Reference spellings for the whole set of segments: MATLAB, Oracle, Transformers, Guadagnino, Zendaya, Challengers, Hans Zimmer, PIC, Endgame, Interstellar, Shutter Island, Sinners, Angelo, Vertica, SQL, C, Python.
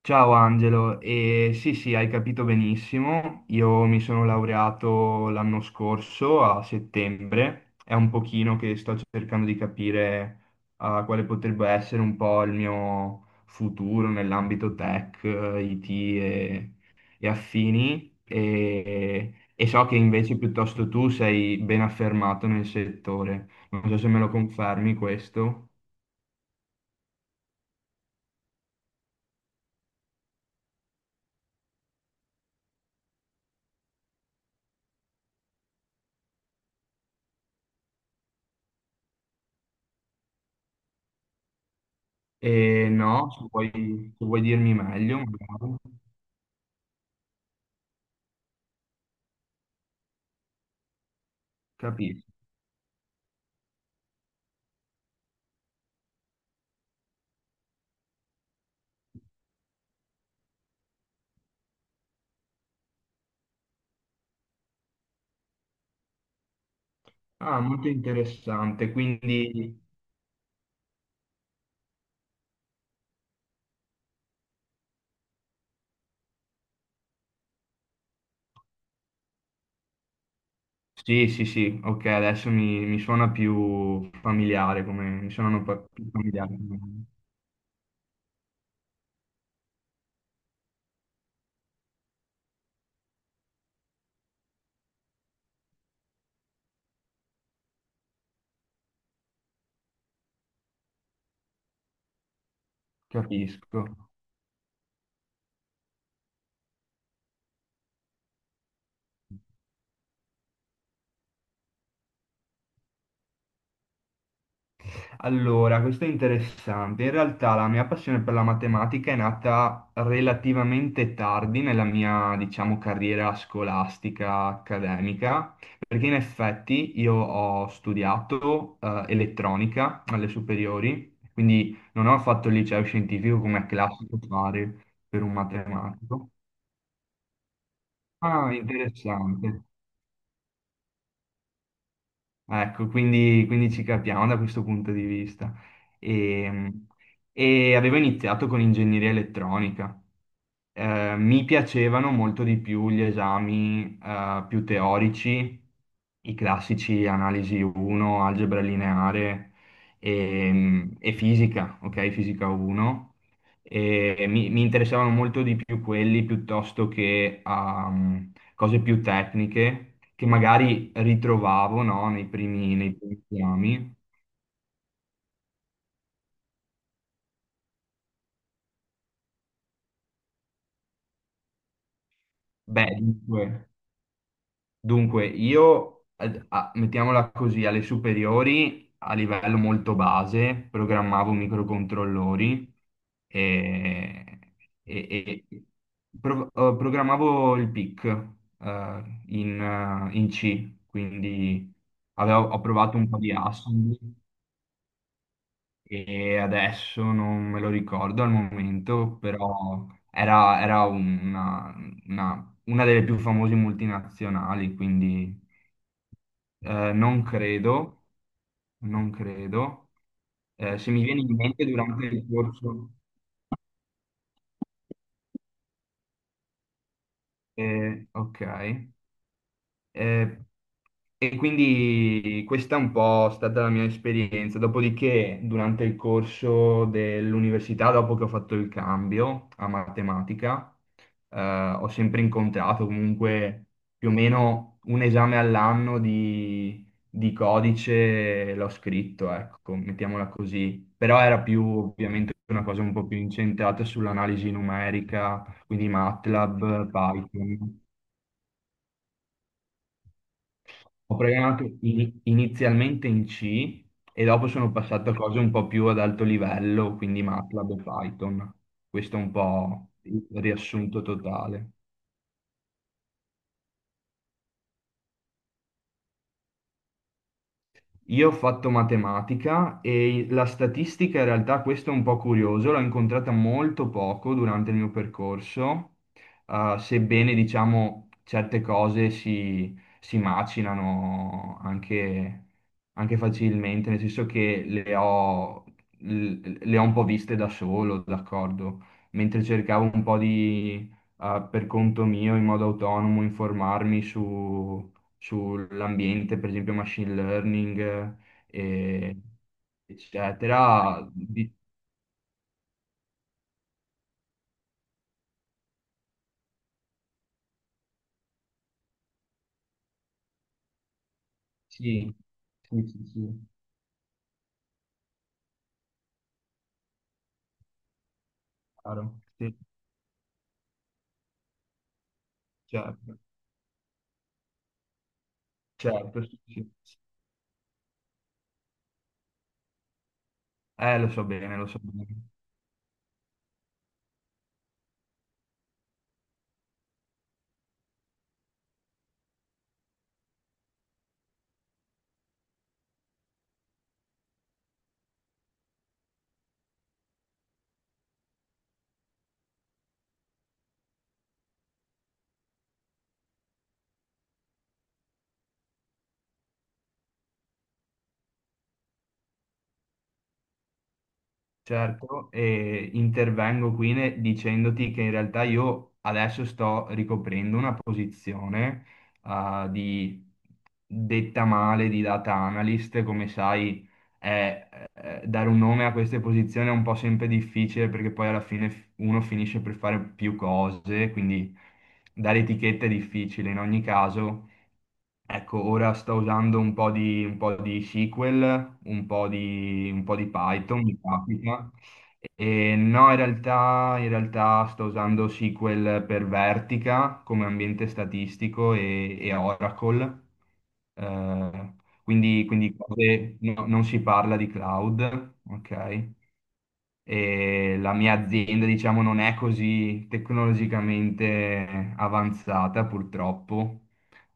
Ciao Angelo, e sì sì, hai capito benissimo, io mi sono laureato l'anno scorso a settembre, è un pochino che sto cercando di capire quale potrebbe essere un po' il mio futuro nell'ambito tech, IT e affini e so che invece piuttosto tu sei ben affermato nel settore, non so se me lo confermi questo. E no, se vuoi dirmi meglio magari. Capisco. Ah, molto interessante. Quindi sì, sì, sì, ok, adesso mi suona più familiare, come mi suonano più familiare. Capisco. Allora, questo è interessante. In realtà la mia passione per la matematica è nata relativamente tardi nella mia, diciamo, carriera scolastica accademica, perché in effetti io ho studiato elettronica alle superiori, quindi non ho fatto il liceo scientifico come è classico fare per un matematico. Ah, interessante. Ecco, quindi ci capiamo da questo punto di vista. E, e avevo iniziato con ingegneria elettronica, mi piacevano molto di più gli esami più teorici, i classici analisi 1, algebra lineare e fisica, ok? Fisica 1. E mi interessavano molto di più quelli piuttosto che cose più tecniche che magari ritrovavo, no, nei primi esami. Beh, dunque. Dunque, io, mettiamola così, alle superiori, a livello molto base, programmavo microcontrollori e, e programmavo il PIC, in C, quindi ho provato un po' di assembly, e adesso non me lo ricordo al momento, però era una delle più famose multinazionali, quindi. Non credo, non credo. Se mi viene in mente durante il corso, ok. Eh, e quindi questa è un po' stata la mia esperienza. Dopodiché, durante il corso dell'università, dopo che ho fatto il cambio a matematica, eh, ho sempre incontrato comunque più o meno un esame all'anno di codice, l'ho scritto, ecco, mettiamola così. Però era più ovviamente una cosa un po' più incentrata sull'analisi numerica, quindi MATLAB, Python. Ho programmato inizialmente in C e dopo sono passato a cose un po' più ad alto livello, quindi MATLAB e Python. Questo è un po' il riassunto totale. Io ho fatto matematica e la statistica, in realtà, questo è un po' curioso, l'ho incontrata molto poco durante il mio percorso, sebbene diciamo certe cose si macinano anche facilmente, nel senso che le ho un po' viste da solo, d'accordo, mentre cercavo un po' per conto mio, in modo autonomo, informarmi su sull'ambiente, per esempio machine learning, eh, eccetera. Sì, sì, sì, sì, chiaro, sì, certo, certo, sì, sì. Lo so bene, lo so bene. Certo, e intervengo qui dicendoti che in realtà io adesso sto ricoprendo una posizione, ah, di, detta male, di data analyst, come sai. Dare un nome a queste posizioni è un po' sempre difficile, perché poi alla fine uno finisce per fare più cose, quindi dare etichetta è difficile in ogni caso. Ecco, ora sto usando un po' di SQL, un po' di Python, mi capita. E no, in realtà sto usando SQL per Vertica come ambiente statistico e Oracle. Eh, quindi non si parla di cloud, ok? E la mia azienda, diciamo, non è così tecnologicamente avanzata, purtroppo.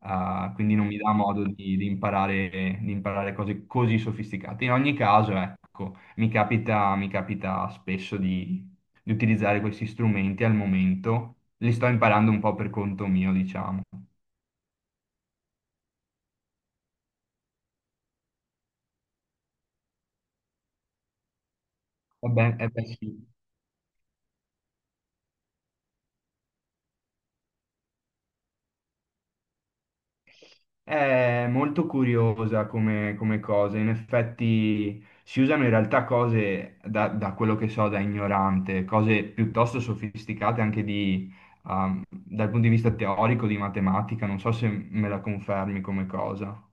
Ah, quindi non mi dà modo di imparare cose così sofisticate. In ogni caso, ecco, mi capita spesso di utilizzare questi strumenti al momento, li sto imparando un po' per conto mio, diciamo. Va bene, eh beh, sì. È molto curiosa come cosa, in effetti si usano in realtà cose, da quello che so, da ignorante, cose piuttosto sofisticate anche dal punto di vista teorico di matematica, non so se me la confermi come cosa.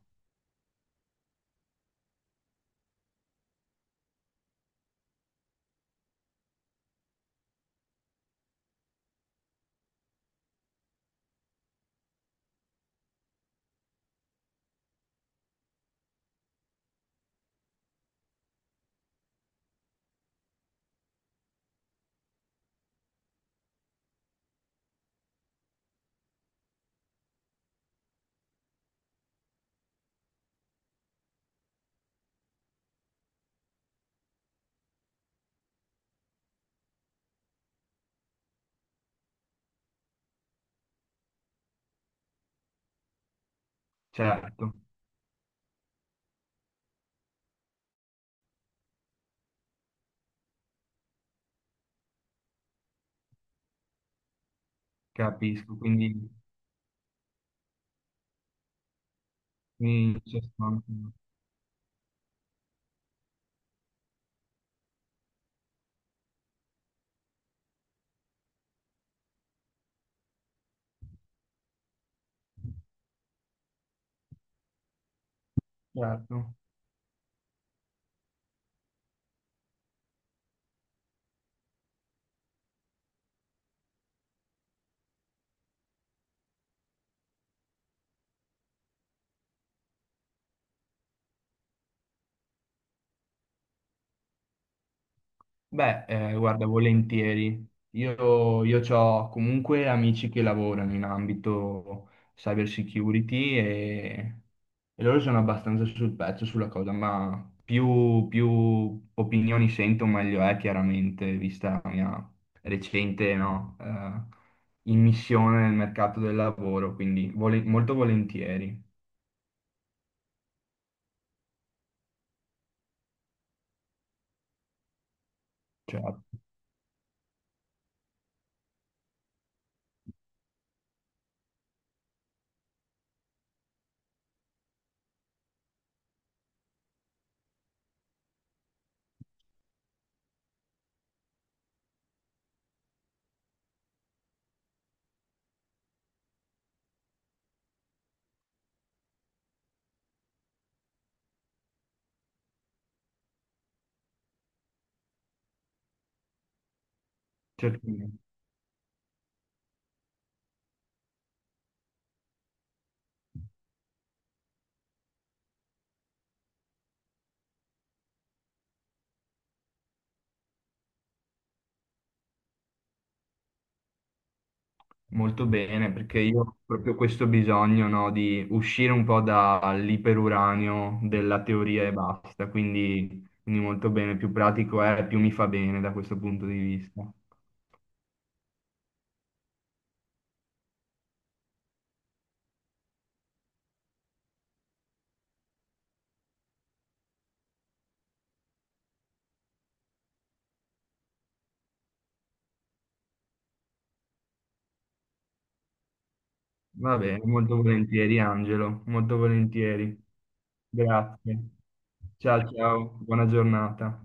Certo, capisco, quindi in sostanza, certo. Beh, guarda, volentieri. Io ho comunque amici che lavorano in ambito cyber security, e loro sono abbastanza sul pezzo sulla cosa, ma più opinioni sento, meglio è, chiaramente, vista la mia recente, no, immissione nel mercato del lavoro, quindi molto volentieri. Certo. Certo. Molto bene, perché io ho proprio questo bisogno, no, di uscire un po' dall'iperuranio della teoria e basta, quindi, molto bene, più pratico è, più mi fa bene da questo punto di vista. Va bene, molto volentieri Angelo, molto volentieri. Grazie. Ciao ciao, buona giornata.